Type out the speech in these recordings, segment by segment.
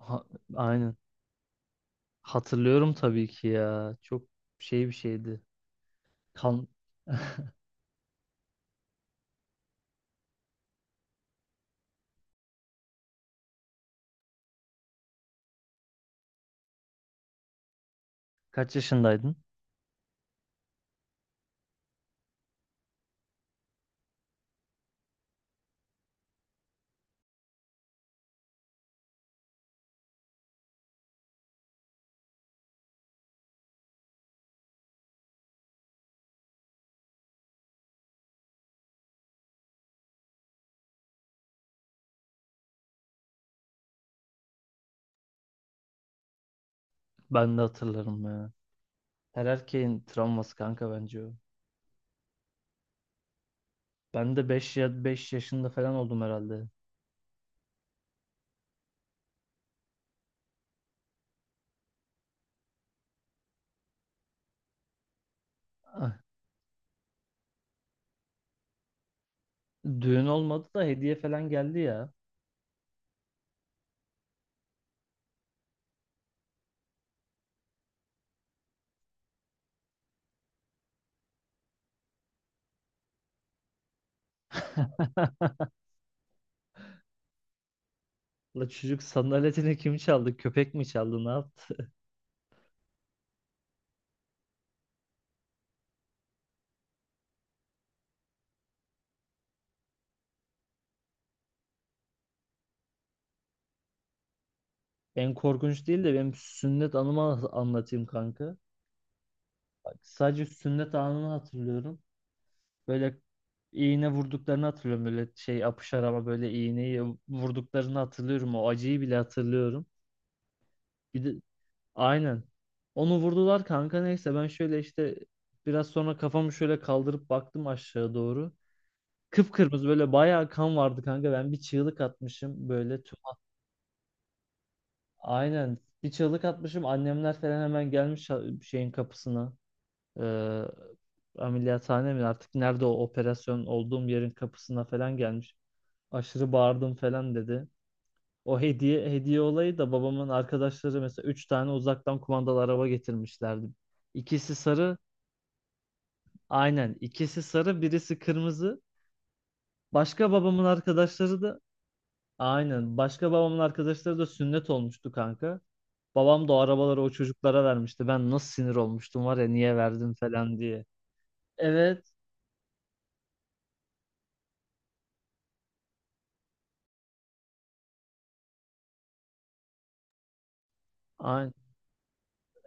Ha- aynen. Hatırlıyorum tabii ki ya. Çok şey bir şeydi. Kan... Kaç yaşındaydın? Ben de hatırlarım ya. Her erkeğin travması kanka bence o. Ben de beş yaşında falan oldum herhalde. Ah, düğün olmadı da hediye falan geldi ya. La çocuk sandaletini kim çaldı? Köpek mi çaldı? Ne yaptı? En korkunç değil de benim sünnet anımı anlatayım kanka. Bak, sadece sünnet anını hatırlıyorum. Böyle iğne vurduklarını hatırlıyorum. Böyle şey apışar ama böyle iğneyi vurduklarını hatırlıyorum. O acıyı bile hatırlıyorum. Bir de aynen. Onu vurdular kanka, neyse ben şöyle işte biraz sonra kafamı şöyle kaldırıp baktım aşağı doğru. Kıpkırmızı böyle bayağı kan vardı kanka. Ben bir çığlık atmışım böyle. Aynen bir çığlık atmışım. Annemler falan hemen gelmiş şeyin kapısına. Ee, Ameliyathane mi artık, nerede o operasyon olduğum yerin kapısına falan gelmiş. Aşırı bağırdım falan dedi. O hediye hediye olayı da, babamın arkadaşları mesela 3 tane uzaktan kumandalı araba getirmişlerdi. İkisi sarı, aynen, ikisi sarı, birisi kırmızı. Başka babamın arkadaşları da aynen başka babamın arkadaşları da sünnet olmuştu kanka. Babam da o arabaları o çocuklara vermişti. Ben nasıl sinir olmuştum var ya, niye verdin falan diye. Evet. Aynen.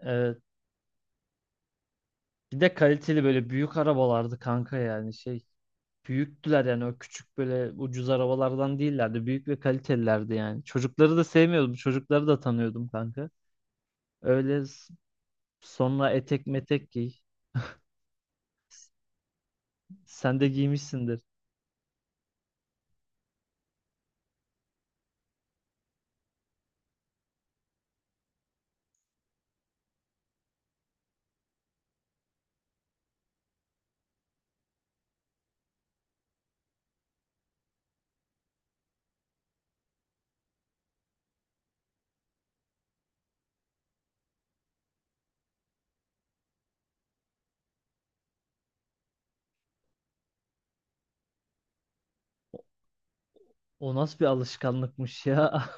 Evet. Bir de kaliteli böyle büyük arabalardı kanka, yani şey. Büyüktüler yani, o küçük böyle ucuz arabalardan değillerdi. Büyük ve kalitelilerdi yani. Çocukları da sevmiyordum. Çocukları da tanıyordum kanka. Öyle s- Sonra etek metek giy. Sen de giymişsindir. O nasıl bir alışkanlıkmış ya.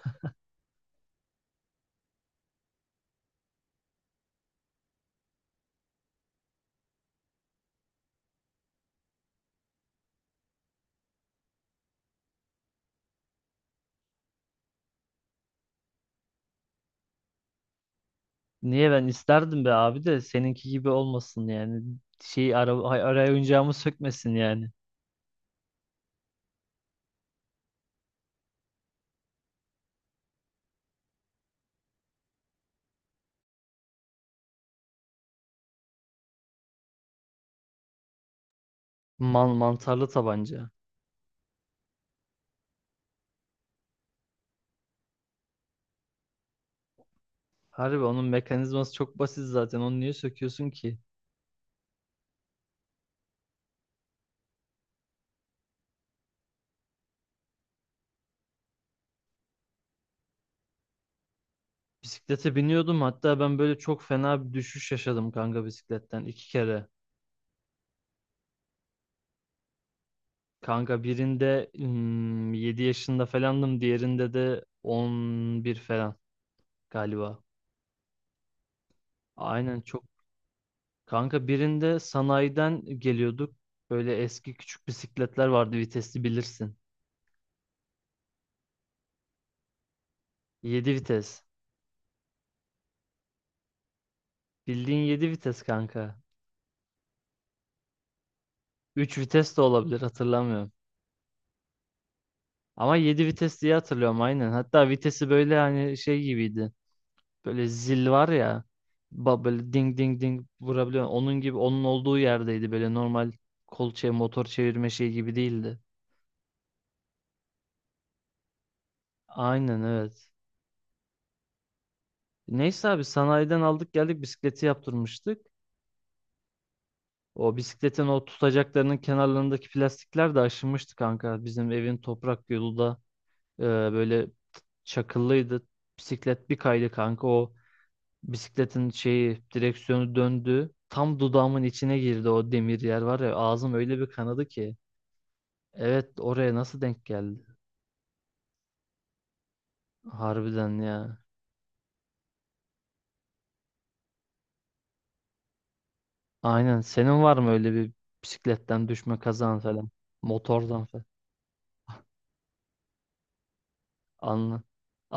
Niye, ben isterdim be abi, de seninki gibi olmasın yani. Araya oyuncağımı sökmesin yani. Mantarlı tabanca. Harbi onun mekanizması çok basit zaten. Onu niye söküyorsun ki? Bisiklete biniyordum. Hatta ben böyle çok fena bir düşüş yaşadım kanka, bisikletten 2 kere. Kanka birinde 7 yaşında falandım. Diğerinde de 11 falan galiba. Aynen, çok. Kanka birinde sanayiden geliyorduk. Böyle eski küçük bisikletler vardı, vitesli bilirsin. 7 vites. Bildiğin 7 vites kanka. 3 vites de olabilir, hatırlamıyorum. Ama 7 vites diye hatırlıyorum aynen. Hatta vitesi böyle hani şey gibiydi. Böyle zil var ya. Böyle ding ding ding vurabiliyor. Onun gibi, onun olduğu yerdeydi. Böyle normal kol çev motor çevirme şey gibi değildi. Aynen, evet. Neyse abi sanayiden aldık, geldik, bisikleti yaptırmıştık. O bisikletin o tutacaklarının kenarlarındaki plastikler de aşınmıştı kanka. Bizim evin toprak yolu da böyle çakıllıydı. Bisiklet bir kaydı kanka, o bisikletin şeyi, direksiyonu döndü. Tam dudağımın içine girdi o demir yer var ya, ağzım öyle bir kanadı ki. Evet, oraya nasıl denk geldi? Harbiden ya. Aynen. Senin var mı öyle bir bisikletten düşme kazan falan? Motordan falan. Anla.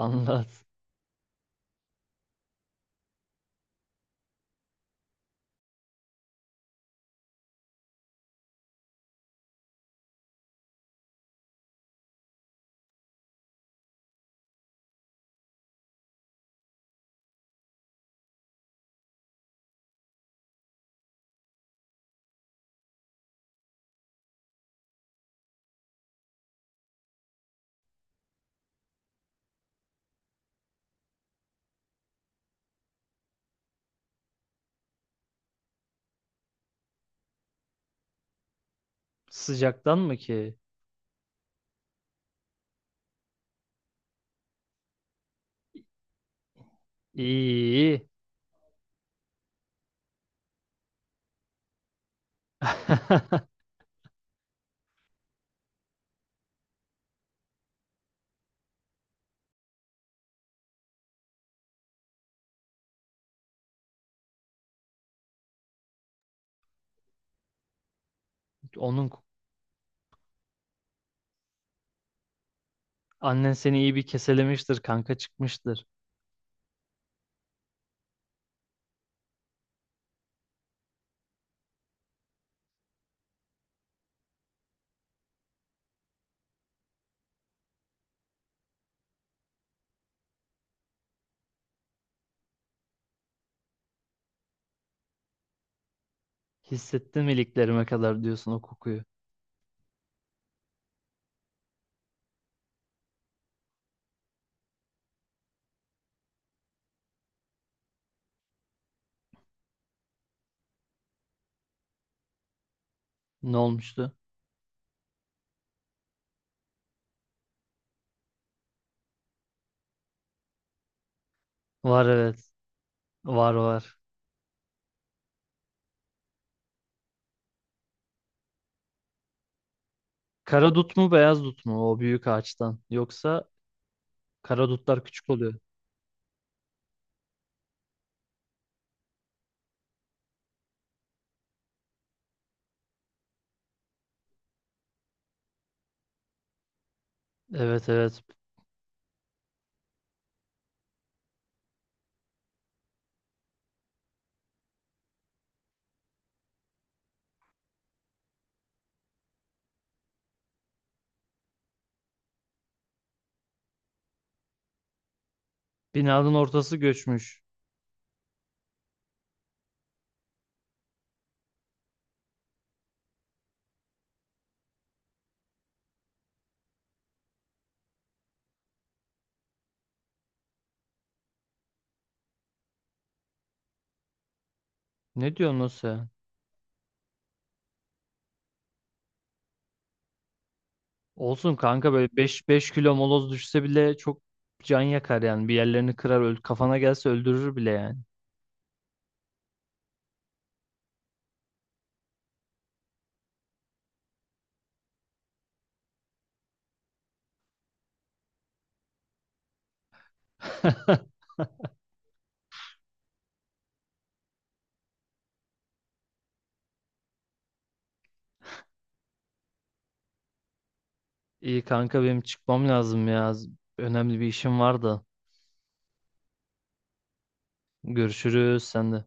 Anlat. Sıcaktan mı ki? İyi. İyi. Onun annen seni iyi bir keselemiştir kanka, çıkmıştır. Hissettin mi, iliklerime kadar diyorsun o kokuyu. Ne olmuştu? Var, evet. Var, var. Kara dut mu, beyaz dut mu o büyük ağaçtan? Yoksa kara dutlar küçük oluyor. Evet, evet. Binanın ortası göçmüş. Ne diyorsun o sen? Olsun kanka, böyle beş kilo moloz düşse bile çok can yakar yani. Bir yerlerini kırar, kafana gelse öldürür bile yani. İyi kanka, benim çıkmam lazım ya. Önemli bir işim var da. Görüşürüz, sen de.